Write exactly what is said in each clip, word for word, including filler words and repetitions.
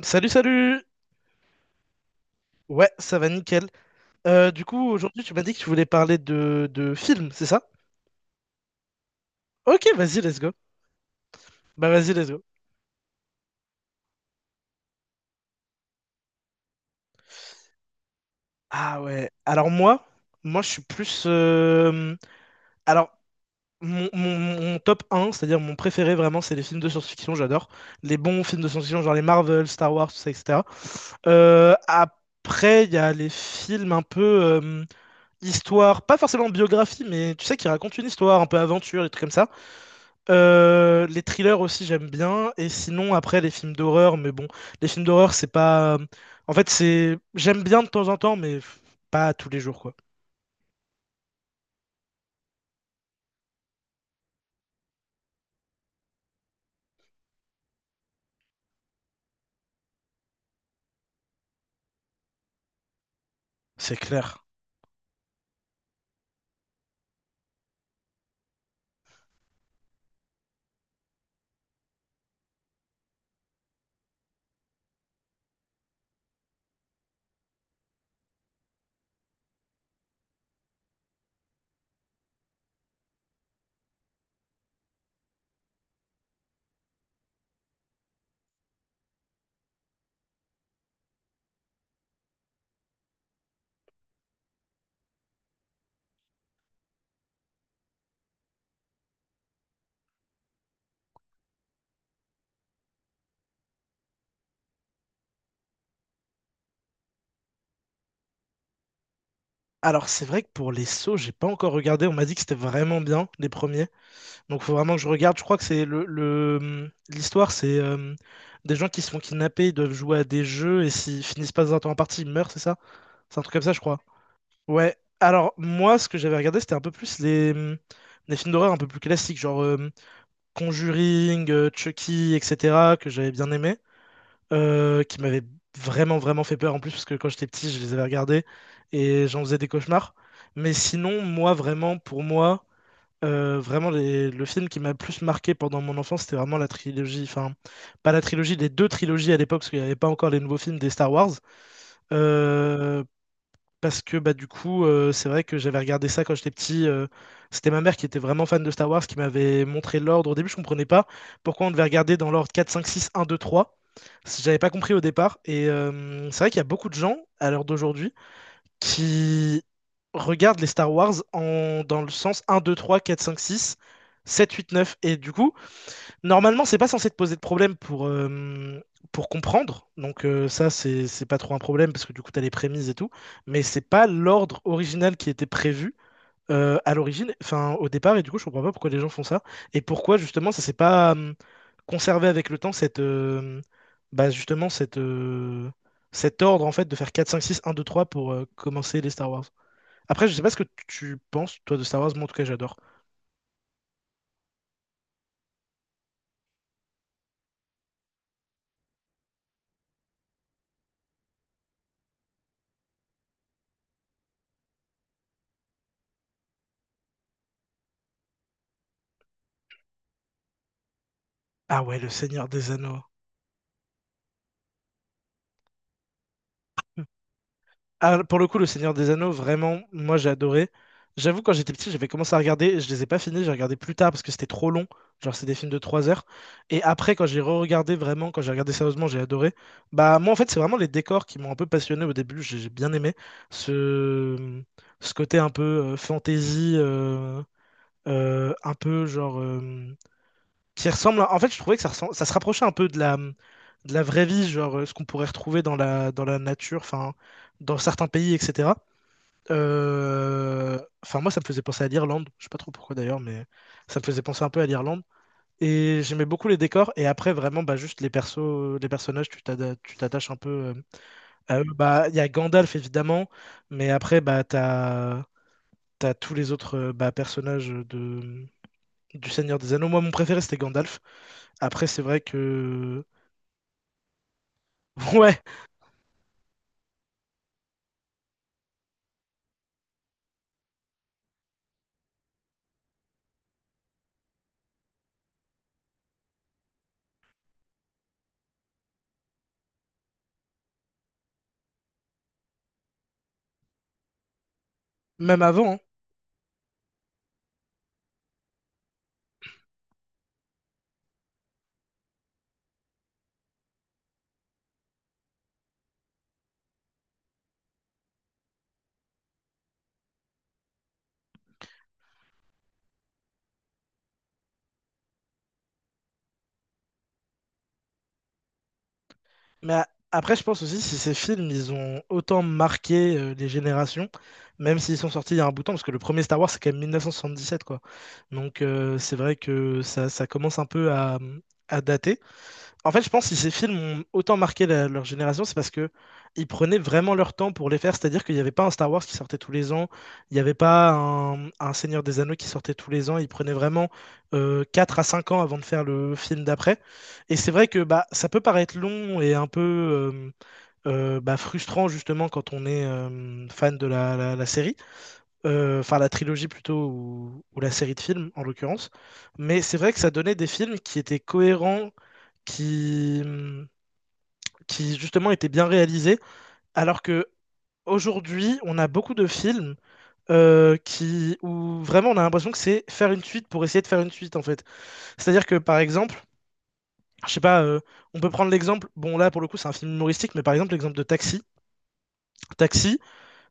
Salut, salut! Ouais, ça va nickel. Euh, du coup, aujourd'hui, tu m'as dit que tu voulais parler de, de films, c'est ça? Ok, vas-y, let's go. Bah, vas-y, let's go. Ah ouais, alors moi, moi, je suis plus... euh, Alors, mon, mon- mon top un, c'est-à-dire mon préféré vraiment, c'est les films de science-fiction, j'adore. Les bons films de science-fiction, genre les Marvel, Star Wars, tout ça, et cetera. Euh, après, il y a les films un peu euh, histoire, pas forcément biographie, mais tu sais, qui racontent une histoire, un peu aventure, des trucs comme ça. Euh, les thrillers aussi j'aime bien, et sinon après les films d'horreur, mais bon, les films d'horreur c'est pas, en fait c'est, j'aime bien de temps en temps mais f- pas tous les jours quoi. C'est clair. Alors c'est vrai que pour les sauts j'ai pas encore regardé, on m'a dit que c'était vraiment bien les premiers, donc faut vraiment que je regarde. Je crois que c'est le le, hum, l'histoire c'est euh, des gens qui se font kidnapper, ils doivent jouer à des jeux et s'ils finissent pas dans un temps imparti ils meurent, c'est ça? C'est un truc comme ça je crois. Ouais, alors moi ce que j'avais regardé c'était un peu plus les les films d'horreur un peu plus classiques, genre euh, Conjuring, euh, Chucky, et cetera, que j'avais bien aimé, euh, qui m'avaient vraiment, vraiment fait peur en plus, parce que quand j'étais petit, je les avais regardés et j'en faisais des cauchemars. Mais sinon, moi, vraiment, pour moi, euh, vraiment, les- le film qui m'a le plus marqué pendant mon enfance, c'était vraiment la trilogie, enfin, pas la trilogie, les deux trilogies à l'époque, parce qu'il n'y avait pas encore les nouveaux films des Star Wars. Euh, Parce que bah, du coup, euh, c'est vrai que j'avais regardé ça quand j'étais petit. Euh, c'était ma mère qui était vraiment fan de Star Wars qui m'avait montré l'ordre. Au début, je comprenais pas pourquoi on devait regarder dans l'ordre quatre cinq six un deux trois. J'avais pas compris au départ. Et euh, c'est vrai qu'il y a beaucoup de gens, à l'heure d'aujourd'hui, qui regardent les Star Wars en, dans le sens un deux trois quatre cinq six sept huit neuf. Et du coup, normalement, c'est pas censé te poser de problème pour, euh, pour comprendre. Donc euh, ça, c'est c'est pas trop un problème parce que du coup, t'as les prémices et tout. Mais c'est pas l'ordre original qui était prévu euh, à l'origine, enfin au départ. Et du coup, je comprends pas pourquoi les gens font ça. Et pourquoi justement, ça s'est pas euh, conservé avec le temps, cette, euh, bah, justement, cette, euh, cet ordre en fait de faire quatre, cinq, six, un, deux, trois pour euh, commencer les Star Wars. Après, je sais pas ce que tu penses, toi, de Star Wars. Moi, en tout cas, j'adore. Ah ouais, le Seigneur des Anneaux. Ah, pour le coup, le Seigneur des Anneaux, vraiment, moi j'ai adoré. J'avoue, quand j'étais petit, j'avais commencé à regarder, je les ai pas finis, j'ai regardé plus tard parce que c'était trop long. Genre, c'est des films de trois heures. Et après, quand j'ai re-regardé vraiment, quand j'ai regardé sérieusement, j'ai adoré. Bah, moi en fait, c'est vraiment les décors qui m'ont un peu passionné au début, j'ai j'ai bien aimé. Ce, ce côté un peu euh, fantasy, euh, euh, un peu genre. Euh, qui ressemble. En fait, je trouvais que ça, ressemble, ça se rapprochait un peu de la, de la vraie vie, genre euh, ce qu'on pourrait retrouver dans la, dans la nature, enfin, dans certains pays, et cetera. Euh, Enfin, moi, ça me faisait penser à l'Irlande. Je sais pas trop pourquoi d'ailleurs, mais ça me faisait penser un peu à l'Irlande. Et j'aimais beaucoup les décors. Et après, vraiment, bah, juste les persos, les personnages, tu t'ada- tu t'attaches un peu euh, à eux. Bah, il y a Gandalf évidemment, mais après, bah, t'as t'as tous les autres euh, bah, personnages de du Seigneur des Anneaux. Moi, mon préféré, c'était Gandalf. Après, c'est vrai que ouais, même avant, hein. Mais a- après, je pense aussi si ces films, ils ont autant marqué euh, les générations, même s'ils sont sortis il y a un bout de temps, parce que le premier Star Wars, c'est quand même mille neuf cent soixante-dix-sept, quoi. Donc euh, c'est vrai que ça, ça commence un peu à, à dater. En fait, je pense que si ces films ont autant marqué la- leur génération, c'est parce que ils prenaient vraiment leur temps pour les faire. C'est-à-dire qu'il n'y avait pas un Star Wars qui sortait tous les ans, il n'y avait pas un, un Seigneur des Anneaux qui sortait tous les ans. Ils prenaient vraiment euh, quatre à cinq ans avant de faire le film d'après. Et c'est vrai que bah, ça peut paraître long et un peu euh, euh, bah, frustrant justement quand on est euh, fan de la, la- la série. Euh, enfin la trilogie plutôt, ou, ou la série de films en l'occurrence. Mais c'est vrai que ça donnait des films qui étaient cohérents, qui qui justement étaient bien réalisés, alors que aujourd'hui, on a beaucoup de films euh, qui, où vraiment on a l'impression que c'est faire une suite pour essayer de faire une suite en fait. C'est-à-dire que par exemple, je sais pas, euh, on peut prendre l'exemple, bon là pour le coup c'est un film humoristique, mais par exemple l'exemple de Taxi. Taxi,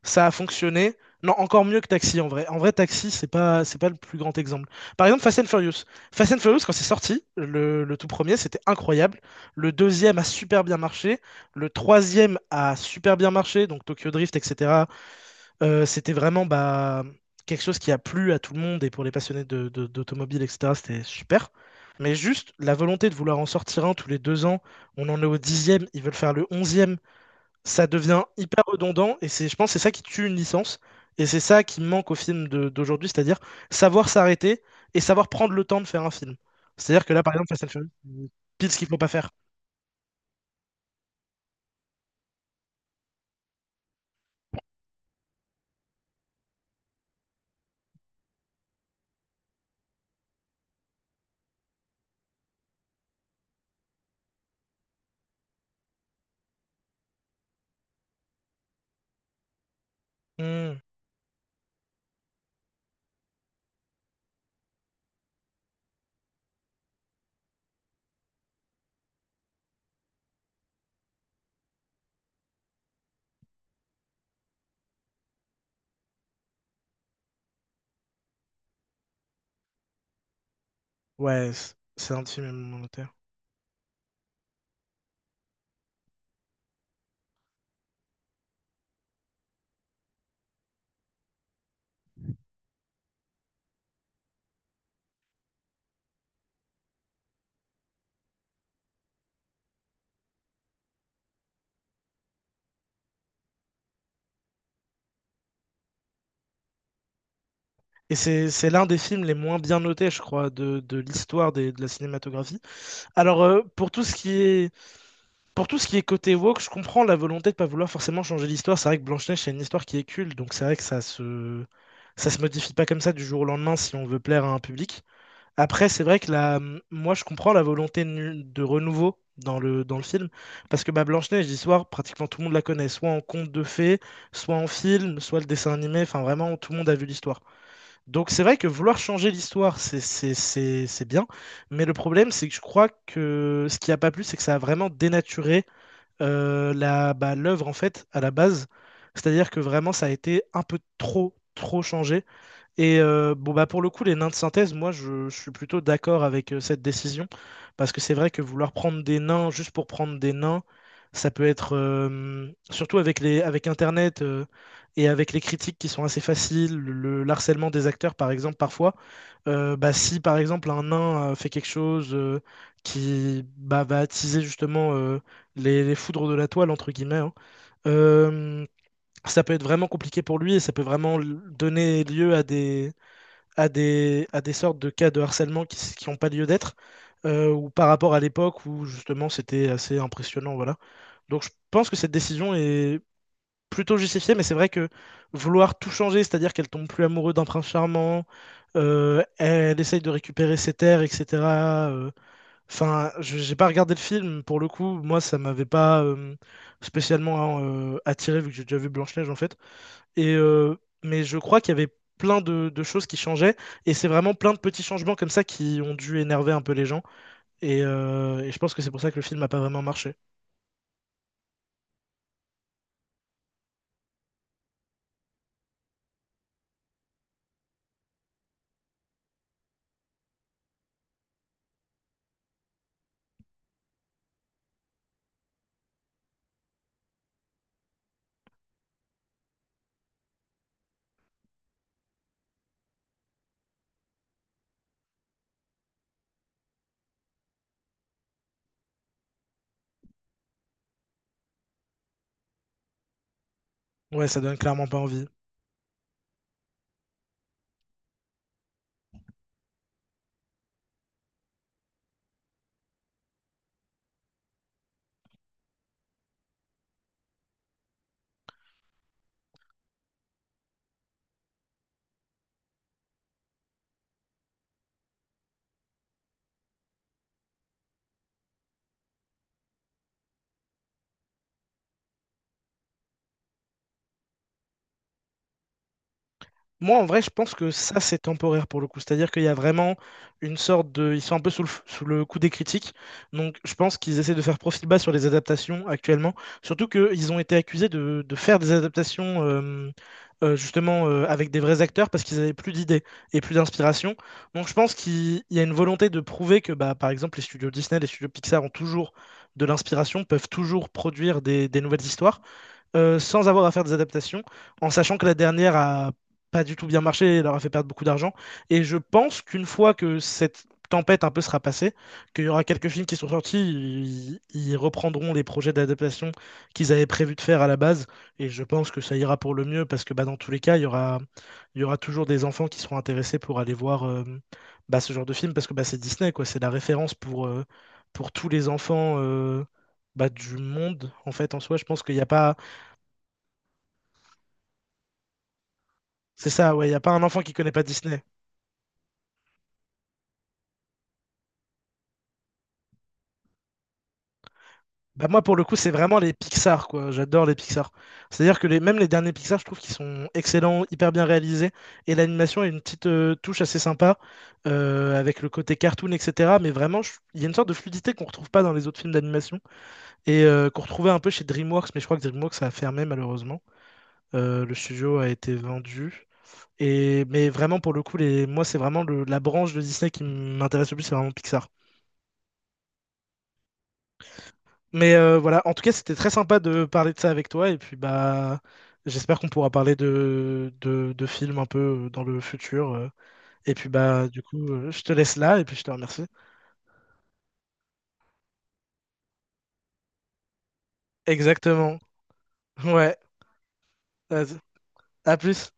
ça a fonctionné. Non, encore mieux que Taxi en vrai. En vrai, Taxi, c'est pas, c'est pas le plus grand exemple. Par exemple, Fast and Furious. Fast and Furious, quand c'est sorti, le, le tout premier, c'était incroyable. Le deuxième a super bien marché. Le troisième a super bien marché. Donc Tokyo Drift, et cetera. Euh, c'était vraiment bah, quelque chose qui a plu à tout le monde et pour les passionnés de, de- d'automobile, et cetera. C'était super. Mais juste la volonté de vouloir en sortir un tous les deux ans, on en est au dixième, ils veulent faire le onzième, ça devient hyper redondant et c'est, je pense, que c'est ça qui tue une licence et c'est ça qui manque au film de- d'aujourd'hui, c'est-à-dire savoir s'arrêter et savoir prendre le temps de faire un film. C'est-à-dire que là, par exemple, Fast and Furious, c'est pile ce qu'il faut pas faire. Hmm. Ouais, c- c'est un des films moins notés. Et c'est c'est l'un des films les moins bien notés, je crois, de, de l'histoire des- de la cinématographie. Alors, euh, pour tout ce qui est, pour tout ce qui est côté woke, je comprends la volonté de pas vouloir forcément changer l'histoire. C'est vrai que Blanche-Neige, c'est une histoire qui est culte, donc c'est vrai que ça se... ça se modifie pas comme ça du jour au lendemain si on veut plaire à un public. Après, c'est vrai que la... moi, je comprends la volonté nu- de renouveau dans le, dans le film, parce que bah, Blanche-Neige, l'histoire, pratiquement tout le monde la connaît, soit en conte de fées, soit en film, soit le dessin animé, enfin vraiment, tout le monde a vu l'histoire. Donc c'est vrai que vouloir changer l'histoire, c'est c'est- c'est- c'est bien, mais le problème, c'est que je crois que ce qui a pas plu, c'est que ça a vraiment dénaturé euh, la, bah, l'œuvre en fait à la base. C'est-à-dire que vraiment ça a été un peu trop trop changé. Et euh, bon bah pour le coup les nains de synthèse, moi je, je suis plutôt d'accord avec euh, cette décision, parce que c'est vrai que vouloir prendre des nains juste pour prendre des nains, ça peut être euh, surtout avec les avec Internet euh, et avec les critiques qui sont assez faciles, le, le harcèlement des acteurs par exemple parfois, euh, bah, si par exemple un nain euh, fait quelque chose euh, qui bah, va attiser justement euh, les, les foudres de la toile, entre guillemets, hein, euh, ça peut être vraiment compliqué pour lui et ça peut vraiment l- donner lieu à des, à des, à des sortes de cas de harcèlement qui s- qui n'ont pas lieu d'être, euh, ou par rapport à l'époque où justement c'était assez impressionnant, voilà. Donc je pense que cette décision est plutôt justifié, mais c'est vrai que vouloir tout changer, c'est-à-dire qu'elle tombe plus amoureuse d'un prince charmant, euh, elle essaye de récupérer ses terres, et cetera euh, Enfin, je j'ai pas regardé le film, pour le coup, moi ça m'avait pas euh, spécialement hein, euh, attiré vu que j'ai déjà vu Blanche-Neige en fait. Et, euh, mais je crois qu'il y avait plein de, de choses qui changeaient, et c'est vraiment plein de petits changements comme ça qui ont dû énerver un peu les gens. Et, euh, et je pense que c'est pour ça que le film n'a pas vraiment marché. Ouais, ça donne clairement pas envie. Moi, en vrai, je pense que ça, c'est temporaire pour le coup. C'est-à-dire qu'il y a vraiment une sorte de... Ils sont un peu sous le, f- sous le coup des critiques. Donc, je pense qu'ils essaient de faire profil bas sur les adaptations actuellement. Surtout qu'ils ont été accusés de, de faire des adaptations euh, euh, justement euh, avec des vrais acteurs parce qu'ils avaient plus d'idées et plus d'inspiration. Donc, je pense qu'il il y a une volonté de prouver que, bah, par exemple, les studios Disney, les studios Pixar ont toujours de l'inspiration, peuvent toujours produire des des nouvelles histoires euh, sans avoir à faire des adaptations, en sachant que la dernière a pas du tout bien marché et leur a fait perdre beaucoup d'argent. Et je pense qu'une fois que cette tempête un peu sera passée, qu'il y aura quelques films qui sont sortis, ils, ils reprendront les projets d'adaptation qu'ils avaient prévu de faire à la base. Et je pense que ça ira pour le mieux parce que bah, dans tous les cas, il y aura, il y aura toujours des enfants qui seront intéressés pour aller voir euh, bah, ce genre de film parce que bah, c'est Disney, quoi. C'est la référence pour, euh, pour tous les enfants. Euh, bah, du monde en fait en soi je pense qu'il n'y a pas. C'est ça, ouais, il n'y a pas un enfant qui connaît pas Disney. Bah moi pour le coup c'est vraiment les Pixar quoi, j'adore les Pixar. C'est-à-dire que les, même les derniers Pixar je trouve qu'ils sont excellents, hyper bien réalisés, et l'animation a une petite euh, touche assez sympa, euh, avec le côté cartoon, et cetera. Mais vraiment je- il y a une sorte de fluidité qu'on retrouve pas dans les autres films d'animation, et euh, qu'on retrouvait un peu chez DreamWorks, mais je crois que DreamWorks a fermé malheureusement. Euh, le studio a été vendu. Et, mais vraiment pour le coup les, moi c'est vraiment le- la branche de Disney qui m'intéresse le plus, c'est vraiment Pixar. Mais euh, voilà, en tout cas, c'était très sympa de parler de ça avec toi. Et puis, bah, j'espère qu'on pourra parler de, de, de films un peu euh, dans le futur. euh. Et puis, bah, du coup, euh, je te laisse là et puis je te remercie. Exactement. Ouais. Vas-y. À plus.